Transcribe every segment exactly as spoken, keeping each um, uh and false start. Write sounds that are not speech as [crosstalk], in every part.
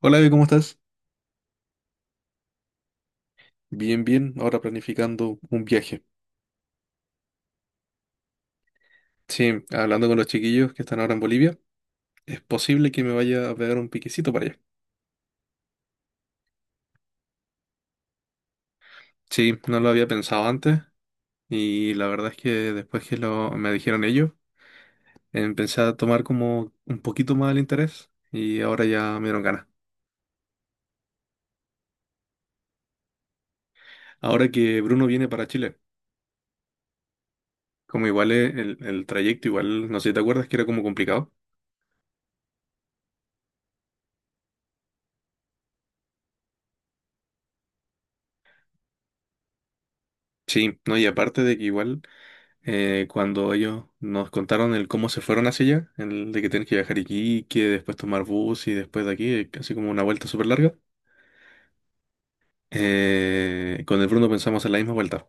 Hola, Evi, ¿cómo estás? Bien, bien. Ahora planificando un viaje. Sí, hablando con los chiquillos que están ahora en Bolivia, es posible que me vaya a pegar un piquecito para allá. Sí, no lo había pensado antes y la verdad es que después que lo, me dijeron ellos, empecé a tomar como un poquito más el interés y ahora ya me dieron ganas. Ahora que Bruno viene para Chile, como igual es el, el trayecto, igual, no sé si te acuerdas que era como complicado. Sí, no, y aparte de que igual eh, cuando ellos nos contaron el cómo se fueron hacia allá, el de que tienen que viajar a Iquique, después tomar bus y después de aquí, eh, casi como una vuelta súper larga. Eh, con el Bruno pensamos en la misma vuelta.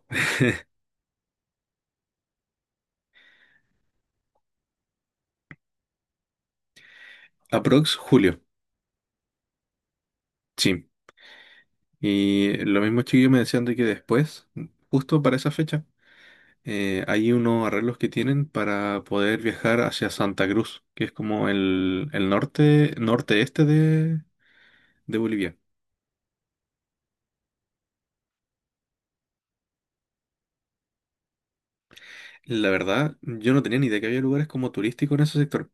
Aprox julio, sí. Y lo mismo chiquillos me decían de que después, justo para esa fecha, eh, hay unos arreglos que tienen para poder viajar hacia Santa Cruz, que es como el, el norte, norte-este de, de Bolivia. La verdad, yo no tenía ni idea que había lugares como turísticos en ese sector.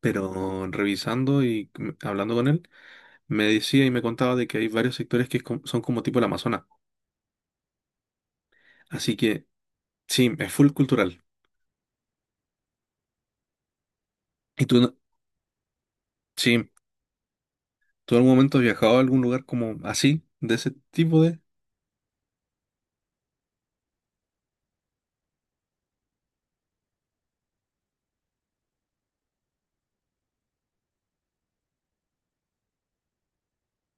Pero revisando y m- hablando con él, me decía y me contaba de que hay varios sectores que es com- son como tipo el Amazonas. Así que sí, es full cultural. ¿Y tú, no- Sí, tú en algún momento has viajado a algún lugar como así, de ese tipo de...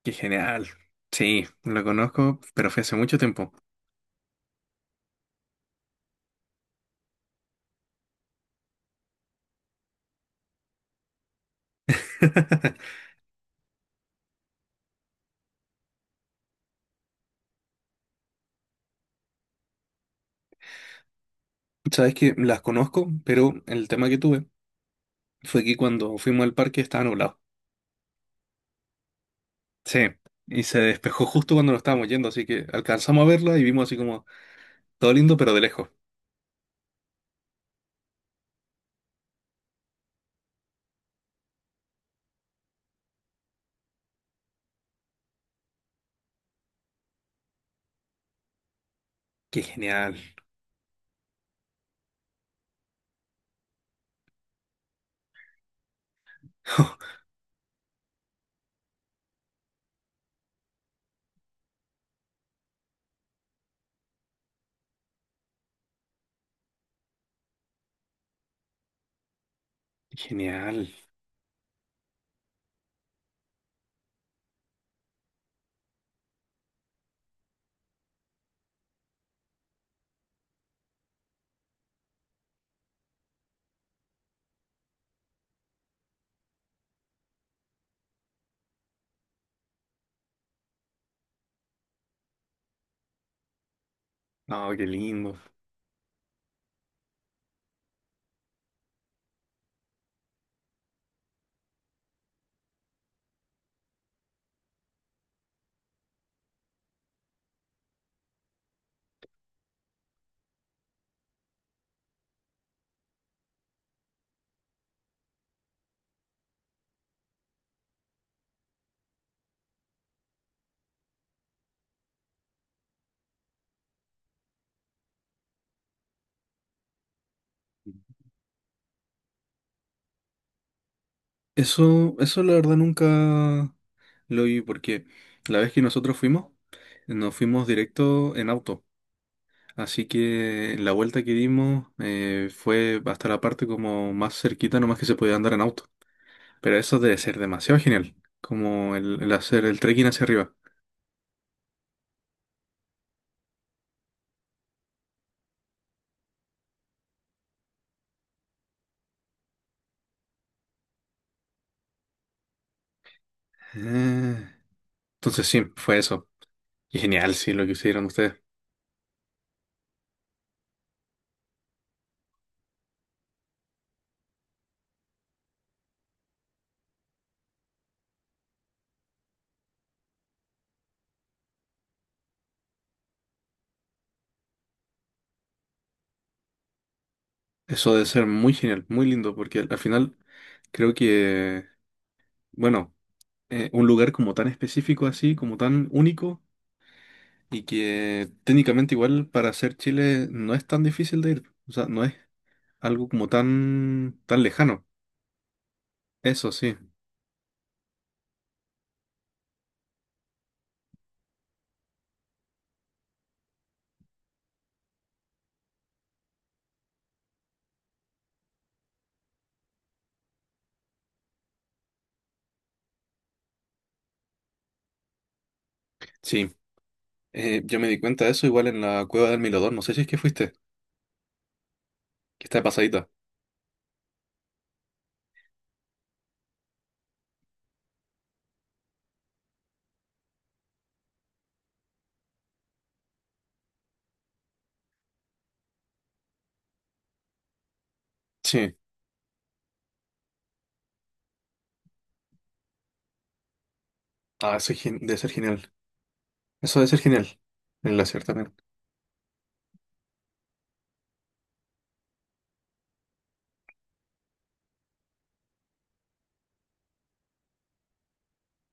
Qué genial. Sí, lo conozco, pero fue hace mucho tiempo. [laughs] Sabes que las conozco, pero el tema que tuve fue que cuando fuimos al parque estaba nublado. Sí. Y se despejó justo cuando nos estábamos yendo, así que alcanzamos a verla y vimos así como todo lindo, pero de lejos. Qué genial. [laughs] Genial. No, qué lindo. Eso, eso la verdad nunca lo vi porque la vez que nosotros fuimos, nos fuimos directo en auto. Así que la vuelta que dimos eh, fue hasta la parte como más cerquita, nomás que se podía andar en auto. Pero eso debe ser demasiado genial, como el, el hacer el trekking hacia arriba. Ah, entonces sí, fue eso. Y genial, sí, lo que hicieron ustedes. Eso debe ser muy genial, muy lindo, porque al al final creo que, bueno, eh, un lugar como tan específico así, como tan único, y que técnicamente igual para hacer Chile no es tan difícil de ir. O sea, no es algo como tan, tan lejano. Eso sí. Sí. Eh, yo me di cuenta de eso igual en la cueva del Milodón. No sé si es que fuiste, que está de pasadita. Sí. Ah, eso es gen- debe ser genial. Eso debe ser genial. En la cierta también.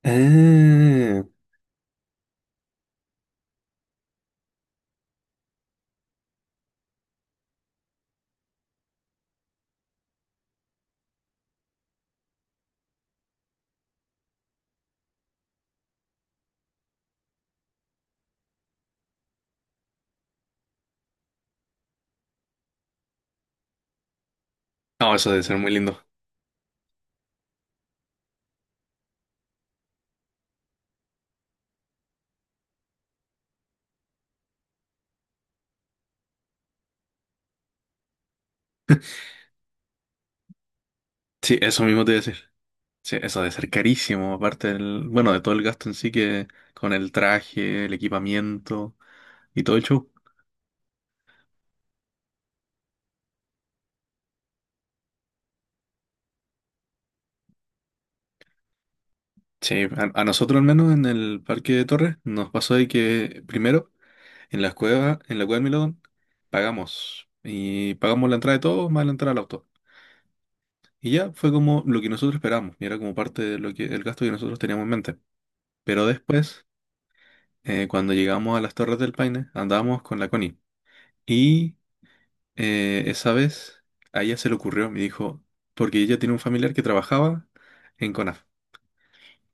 Ah, no, eso debe ser muy lindo. Sí, eso mismo te iba a decir. Sí, eso debe ser carísimo, aparte del, bueno, de todo el gasto en sí que con el traje, el equipamiento y todo el show. Sí, a, a nosotros al menos en el Parque de Torres nos pasó de que primero en las cuevas, en la cueva del Milodón, pagamos y pagamos la entrada de todos más la entrada al auto. Y ya fue como lo que nosotros esperamos, y era como parte de lo que el gasto que nosotros teníamos en mente. Pero después, eh, cuando llegamos a las Torres del Paine, andábamos con la Connie. Y Eh, esa vez a ella se le ocurrió, me dijo, porque ella tiene un familiar que trabajaba en CONAF.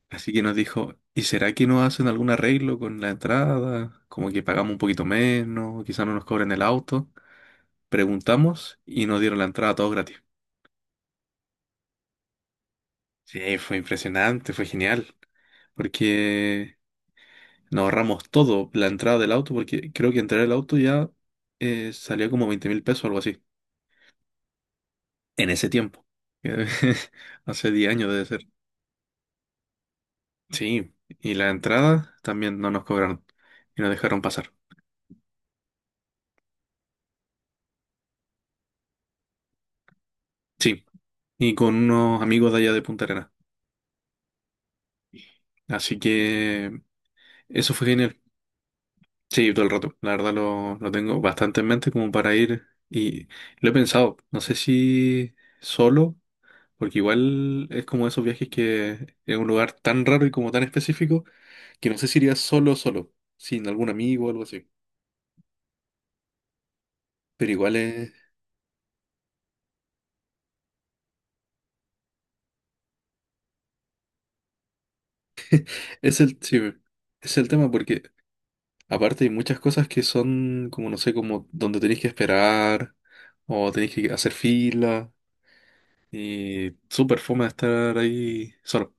Así que nos dijo, ¿y será que no hacen algún arreglo con la entrada? Como que pagamos un poquito menos, quizá no nos cobren el auto. Preguntamos y nos dieron la entrada todo gratis. Sí, fue impresionante, fue genial, porque nos ahorramos todo, la entrada del auto, porque creo que entrar el auto ya eh, salía como veinte mil pesos o algo así, en ese tiempo. [laughs] Hace diez años debe ser. Sí, y la entrada también no nos cobraron y nos dejaron pasar. Sí, y con unos amigos de allá de Punta Arenas. Así que eso fue genial. Sí, todo el rato. La verdad lo, lo tengo bastante en mente como para ir y lo he pensado. No sé si solo, porque igual es como esos viajes que es un lugar tan raro y como tan específico que no sé si iría solo, solo, sin algún amigo o algo así. Pero igual es, es el, sí, es el tema porque... Aparte hay muchas cosas que son como, no sé, como donde tenéis que esperar o tenéis que hacer fila y súper fome estar ahí solo.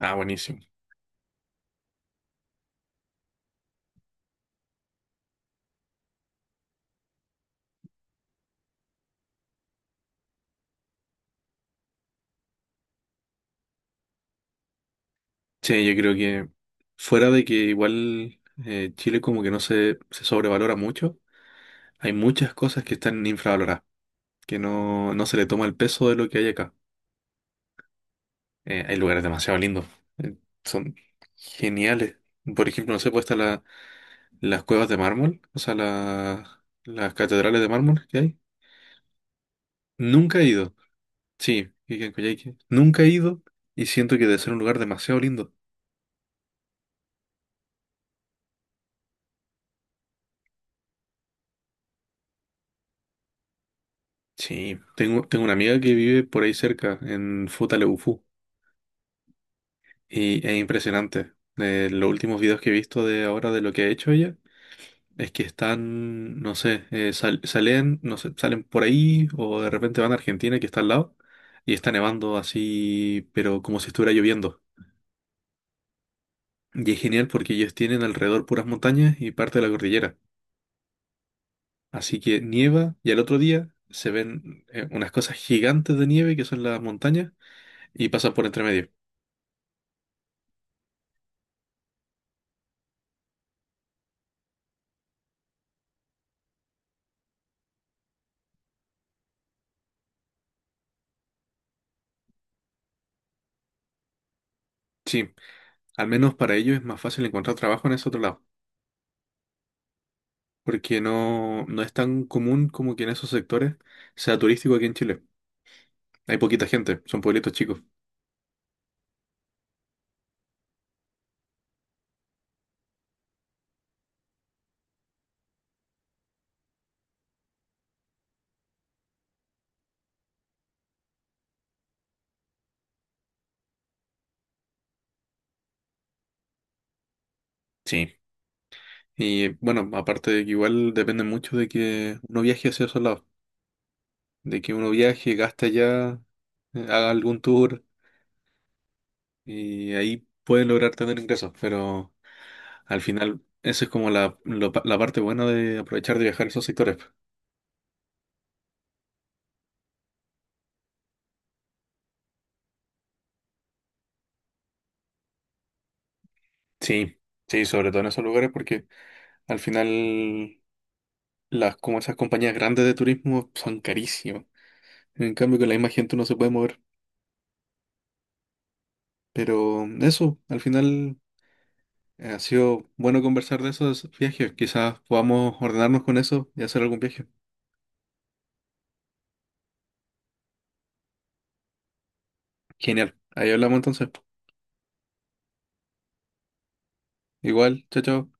Ah, buenísimo. Sí, yo creo que fuera de que igual eh, Chile como que no se, se sobrevalora mucho, hay muchas cosas que están infravaloradas, que no, no se le toma el peso de lo que hay acá. Eh, hay lugares demasiado lindos, eh, son geniales. Por ejemplo, no sé, pues está la, las cuevas de mármol, o sea, la- las catedrales de mármol que hay. Nunca he ido. Sí, y en Coyhaique. Nunca he ido y siento que debe ser un lugar demasiado lindo. Sí, tengo, tengo una amiga que vive por ahí cerca, en Futaleufú, y es impresionante. Eh, los últimos videos que he visto de ahora de lo que ha hecho ella es que están, no sé, eh, sal- salen, no sé, salen por ahí o de repente van a Argentina que está al lado y está nevando así, pero como si estuviera lloviendo. Y es genial porque ellos tienen alrededor puras montañas y parte de la cordillera. Así que nieva y al otro día se ven eh, unas cosas gigantes de nieve que son las montañas y pasan por entre medio. Sí, al menos para ellos es más fácil encontrar trabajo en ese otro lado, porque no, no es tan común como que en esos sectores sea turístico aquí en Chile. Hay poquita gente, son pueblitos chicos. Sí. Y bueno, aparte de que igual depende mucho de que uno viaje hacia esos lados, de que uno viaje, gaste allá, eh, haga algún tour. Y ahí pueden lograr tener ingresos, pero al final eso es como la, lo la parte buena de aprovechar de viajar a esos sectores. Sí, sí, sobre todo en esos lugares porque al final las, como esas compañías grandes de turismo son carísimas. En cambio con la misma gente uno se puede mover. Pero eso, al final eh, ha sido bueno conversar de esos viajes. Quizás podamos ordenarnos con eso y hacer algún viaje. Genial. Ahí hablamos entonces. Igual, chao, chao.